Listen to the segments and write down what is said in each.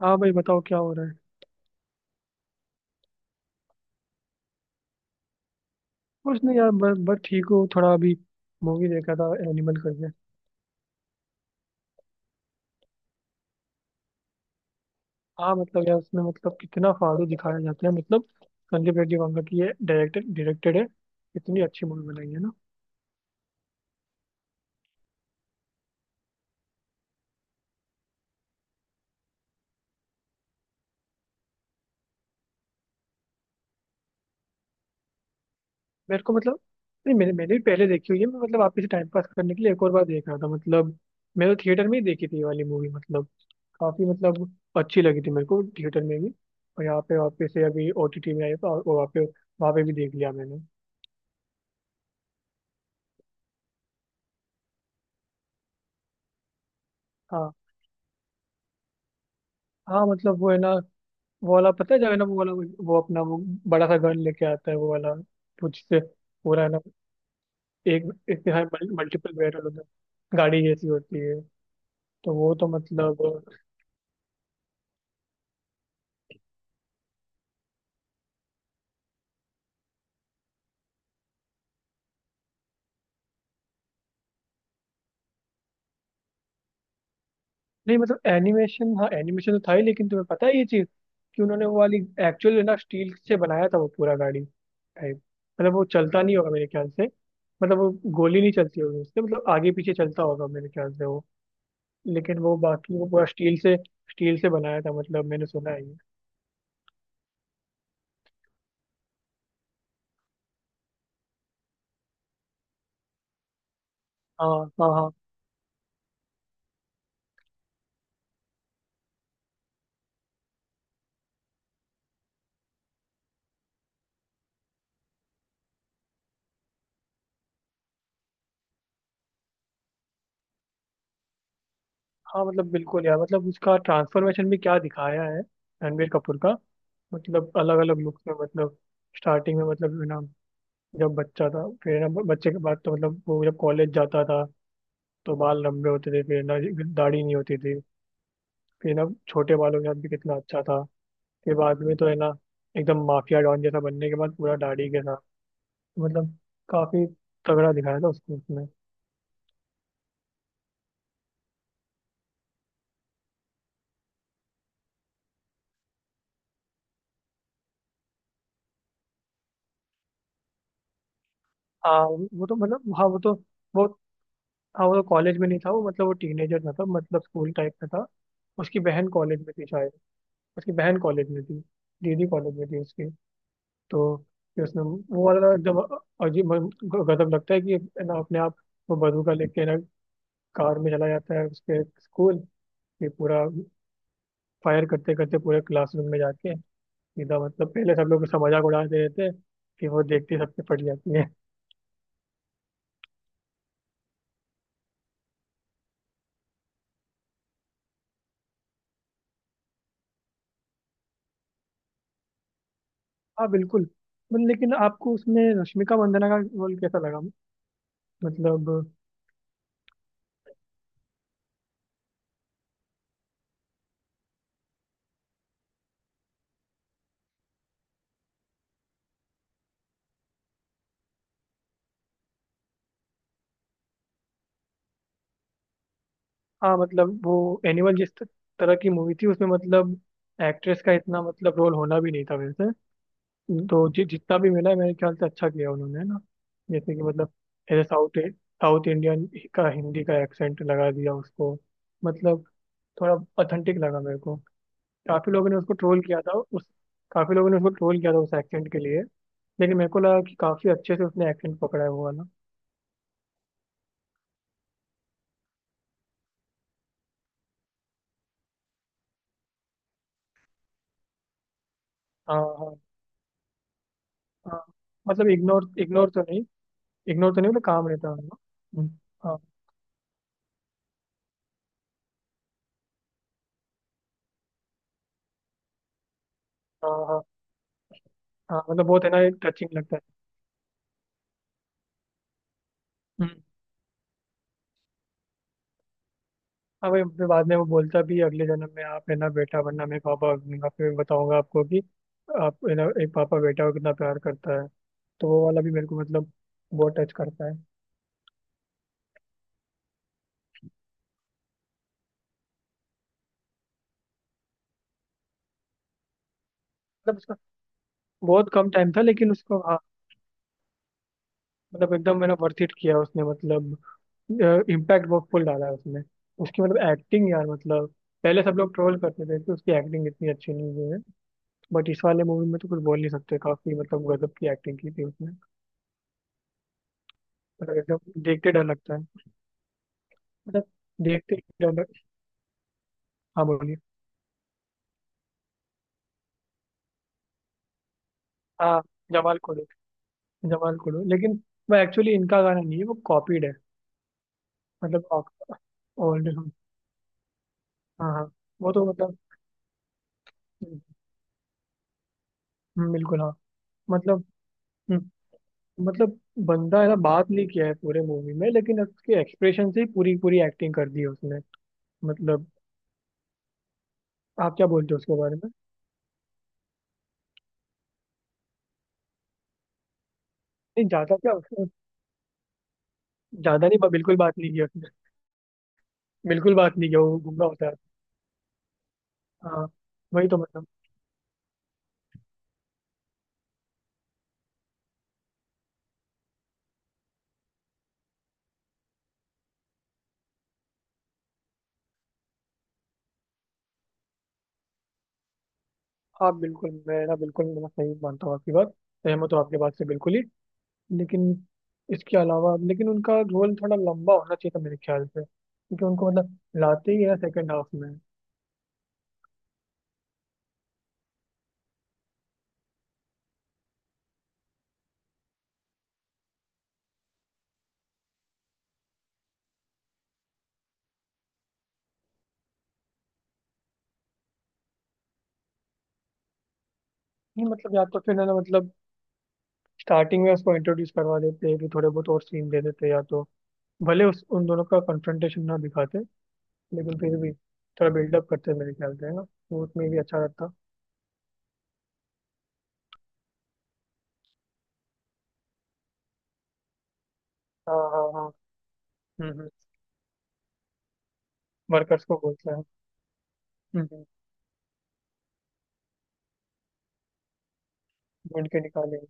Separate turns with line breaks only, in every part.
हाँ भाई, बताओ क्या हो रहा है। कुछ नहीं यार, बस बस ठीक हूँ थोड़ा अभी। मूवी देखा था एनिमल करके। हाँ मतलब यार, उसमें मतलब कितना फालतू दिखाया जाता है मतलब। संदीप रेड्डी वांगा की ये डायरेक्टर डायरेक्टेड है। इतनी अच्छी मूवी बनाई है ना। मेरे को मतलब। नहीं, मैंने मैंने भी पहले देखी हुई है, मैं मतलब आप इसे टाइम पास करने के लिए एक और बार देख रहा था मतलब। मैंने तो थिएटर में ही देखी थी ये वाली मूवी मतलब। काफ़ी मतलब। अच्छी लगी थी मेरे को थिएटर में भी। और यहाँ पे वापस से अभी ओटीटी में आई तो, और वहाँ पे भी देख लिया मैंने। हाँ। हाँ मतलब वो है ना। वो वाला पता है, जो है ना, वो वाला वो अपना वो। बड़ा सा गन लेके आता है वो वाला। कुछ से। पूरा है ना। एक। इसके हाँ। मल्टीपल बैरल होता है, गाड़ी जैसी होती है। तो वो तो मतलब। नहीं मतलब एनिमेशन, हाँ एनिमेशन तो था ही, लेकिन तुम्हें पता है ये चीज कि उन्होंने वो वाली एक्चुअल ना स्टील से बनाया था वो पूरा गाड़ी टाइप। मतलब वो चलता नहीं होगा मेरे ख्याल से। मतलब वो गोली नहीं चलती होगी उससे, मतलब आगे पीछे चलता होगा मेरे ख्याल से वो। लेकिन वो बाकी वो पूरा स्टील से बनाया था मतलब, मैंने सुना है ये। हाँ हाँ हाँ। हाँ मतलब बिल्कुल यार, मतलब उसका ट्रांसफॉर्मेशन भी क्या दिखाया है रणबीर कपूर का। मतलब अलग अलग लुक्स में मतलब। स्टार्टिंग में मतलब है ना, जब बच्चा था, फिर है ना बच्चे के बाद तो मतलब वो जब कॉलेज जाता था तो बाल लंबे होते थे फिर ना। दाढ़ी नहीं होती थी। फिर ना, छोटे बालों के साथ भी कितना अच्छा था। फिर बाद में तो है ना, एकदम माफिया डॉन जैसा बनने के बाद पूरा दाढ़ी के साथ, मतलब काफी तगड़ा दिखाया था उसको उसमें। हाँ वो तो मतलब, हाँ वो तो बहुत। हाँ वो तो कॉलेज में नहीं था वो, मतलब वो टीनेजर था तब, मतलब स्कूल टाइप का था। उसकी बहन कॉलेज में थी शायद। उसकी बहन कॉलेज में थी। दीदी कॉलेज में थी उसकी। तो फिर उसने वो वाला जब, अजीब गजब लगता है कि है ना अपने आप वो बंदूका लेके ना कार में चला जाता है उसके स्कूल, फिर पूरा फायर करते करते पूरे क्लासरूम में जाके सीधा। मतलब पहले सब लोग उसका मजाक उड़ाते रहते हैं, फिर वो देखते ही सबसे फट जाती है। हाँ बिल्कुल। मतलब लेकिन आपको उसमें रश्मिका मंदाना का रोल कैसा लगा? मतलब। हाँ मतलब वो एनिमल जिस तरह की मूवी थी उसमें मतलब एक्ट्रेस का इतना मतलब रोल होना भी नहीं था वैसे। हम्म। तो जितना भी मिला है, मेरे ख्याल से अच्छा किया उन्होंने है ना। जैसे कि मतलब, ऐसे साउथ साउथ इंडियन का हिंदी का एक्सेंट लगा दिया उसको। मतलब थोड़ा ऑथेंटिक लगा मेरे को। काफी लोगों ने उसको ट्रोल किया था उस, काफी लोगों ने उसको ट्रोल किया था उस एक्सेंट के लिए। लेकिन मेरे को लगा कि काफी अच्छे से उसने एक्सेंट पकड़ा है वो वाला। हाँ हाँ हाँ। मतलब इग्नोर इग्नोर तो नहीं, इग्नोर तो नहीं, मतलब काम रहता है उनका। हम्म। हाँ हाँ हाँ मतलब बहुत है ना, टचिंग लगता है। हम्म। हाँ भाई, फिर बाद में वो बोलता भी है, अगले जन्म में आप है ना बेटा बनना, मैं पापा बनूंगा, फिर बताऊंगा आपको कि आप है ना एक पापा बेटा को कितना प्यार करता है। तो वो वाला भी मेरे को मतलब बहुत टच करता है। मतलब उसका बहुत कम टाइम था लेकिन उसको, हाँ, मतलब एकदम मैंने वर्थ इट किया उसने, मतलब इम्पैक्ट बहुत फुल डाला है उसने। उसकी मतलब एक्टिंग यार, मतलब पहले सब लोग ट्रोल करते थे कि उसकी एक्टिंग इतनी अच्छी नहीं हुई है, बट इस वाले मूवी में तो कुछ बोल नहीं सकते, काफी मतलब गजब की एक्टिंग की थी उसने। मतलब एकदम देखते डर लगता है, मतलब देखते ही डर लग। हाँ बोलिए। हाँ, जमाल को देख। जमाल को देख, लेकिन वो एक्चुअली इनका गाना नहीं है, वो कॉपीड है। मतलब ओल्ड। हाँ हाँ, वो तो मतलब। बिल्कुल हाँ। मतलब। हम्म। मतलब बंदा है ना बात नहीं किया है पूरे मूवी में, लेकिन उसके एक्सप्रेशन से ही पूरी पूरी एक्टिंग कर दी है उसने। मतलब आप क्या बोलते हो उसके बारे में? नहीं ज्यादा क्या उसने, ज्यादा नहीं, बिल्कुल बात नहीं की उसने। बिल्कुल बात नहीं किया, वो गुंगा होता है। हाँ, वही तो मतलब। हाँ बिल्कुल, मैं ना, बिल्कुल मैं सही मानता हूँ आपकी बात, सहमत हूँ आपके बात से बिल्कुल ही। लेकिन इसके अलावा, लेकिन उनका रोल थोड़ा लंबा होना चाहिए था मेरे ख्याल से, क्योंकि उनको मतलब लाते ही है सेकंड हाफ में। नहीं मतलब या तो फिर है ना, मतलब स्टार्टिंग में उसको इंट्रोड्यूस करवा देते कि थोड़े बहुत और सीन दे देते, या तो भले उस उन दोनों का कन्फ्रंटेशन ना दिखाते, लेकिन फिर भी थोड़ा बिल्डअप करते मेरे ख्याल से है ना, वो उसमें भी अच्छा रहता। हाँ हाँ हाँ। हम्म। वर्कर्स को बोलता है। हम्म। ढूंढ के निकालेंगे।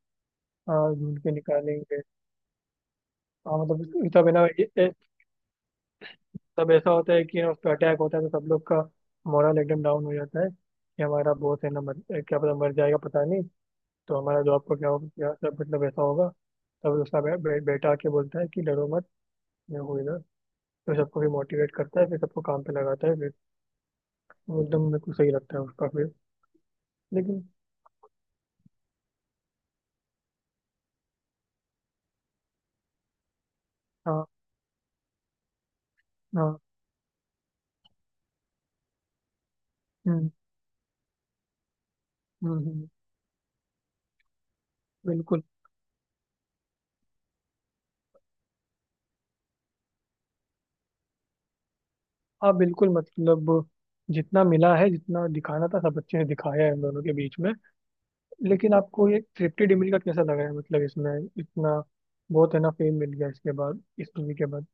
हाँ ढूंढ के निकालेंगे। हाँ मतलब तब है ना, तब ऐसा होता है कि ना उस पर अटैक होता है तो सब लोग का मोरल एकदम डाउन हो जाता है कि हमारा बॉस है ना क्या पता मर जाएगा, पता नहीं, तो हमारा जॉब को क्या हो क्या सब, मतलब ऐसा होगा। तब उसका बे, बे, बेटा आके बोलता है कि डरो मत, मैं हूँ इधर, तो सबको फिर मोटिवेट करता है, फिर सबको काम पे लगाता है, फिर वो एकदम मेरे को सही लगता है उसका फिर। लेकिन हाँ हाँ। हम्म हम्म हम्म, बिल्कुल हाँ बिल्कुल। मतलब जितना मिला है जितना दिखाना था सब अच्छे से दिखाया है इन दोनों के बीच में। लेकिन आपको ये थ्रिफ्टी डिमरी का कैसा लगा है मतलब इसमें? इतना बहुत है ना फेम मिल गया इसके बाद, इस मूवी के बाद।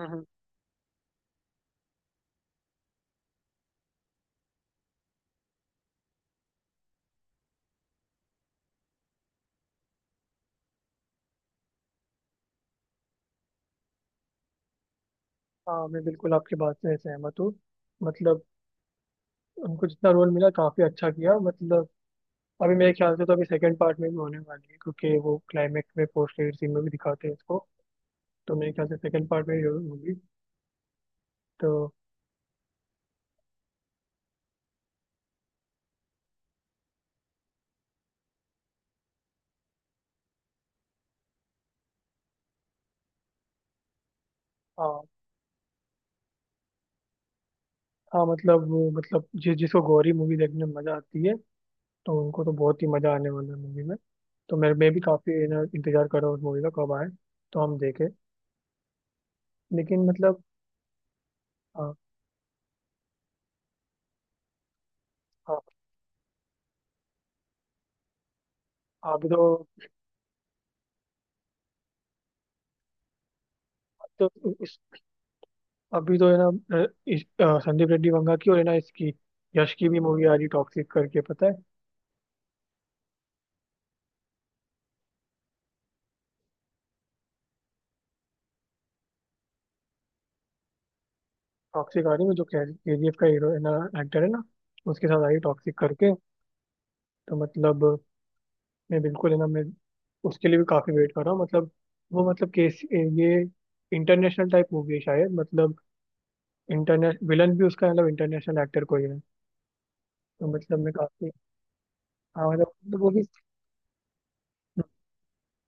हम्म हम्म। हाँ मैं बिल्कुल आपकी बात से सहमत हूँ। मतलब उनको जितना रोल मिला काफी अच्छा किया। मतलब अभी मेरे ख्याल से तो अभी सेकंड पार्ट में भी होने वाली है, क्योंकि वो क्लाइमेक्स में पोस्ट क्रेडिट सीन में भी दिखाते हैं इसको, तो मेरे ख्याल से सेकंड पार्ट में ही होगी। तो हाँ हाँ, मतलब वो, मतलब जिसको गौरी मूवी देखने में मजा आती है, तो उनको तो बहुत ही मजा आने वाला है मूवी में। तो मेरे मैं भी काफी इंतजार कर रहा हूँ उस मूवी का कब आए तो हम देखें। लेकिन मतलब, हाँ हाँ। अभी तो इस, अभी तो है ना, संदीप रेड्डी वंगा की, और है ना इसकी, यश की भी मूवी आ रही टॉक्सिक करके, पता है? टॉक्सिक आ रही है, जो केजीएफ का हीरो है ना, एक्टर है ना, उसके साथ आ रही टॉक्सिक करके। तो मतलब मैं बिल्कुल है ना, मैं उसके लिए भी काफी वेट कर रहा हूँ। मतलब वो मतलब केस ये इंटरनेशनल टाइप मूवी है शायद, मतलब इंटरनेश विलन भी उसका, मतलब इंटरनेशनल एक्टर कोई है। तो मतलब मैं काफी। हाँ मतलब, वो भी,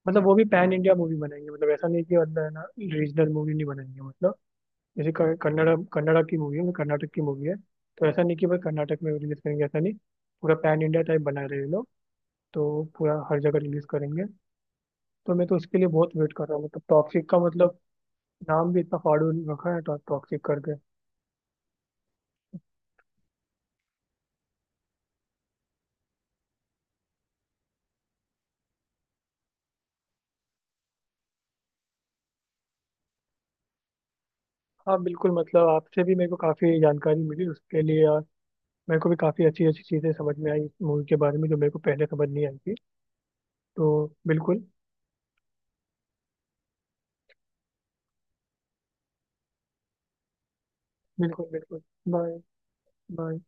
मतलब वो भी पैन इंडिया मूवी बनाएंगे, मतलब ऐसा नहीं कि मतलब है ना रीजनल मूवी नहीं बनाएंगे, मतलब जैसे कन्नड़ा कन्नड़ा की मूवी है, मतलब कर्नाटक की मूवी है तो ऐसा नहीं कि बस कर्नाटक में रिलीज करेंगे, ऐसा नहीं। पूरा पैन इंडिया टाइप बना रहे हैं ये लोग, तो पूरा हर जगह रिलीज करेंगे। तो मैं तो उसके लिए बहुत वेट कर रहा हूँ मतलब टॉक्सिक का, मतलब नाम भी इतना फाड़ू रखा है, टॉक्सिक करके। हाँ बिल्कुल, मतलब आपसे भी मेरे को काफी जानकारी मिली उसके लिए, मेरे को भी काफ़ी अच्छी अच्छी चीज़ें समझ में आई इस मूवी के बारे में जो मेरे को पहले समझ नहीं आई थी, तो बिल्कुल बिल्कुल बिल्कुल। बाय। बाय।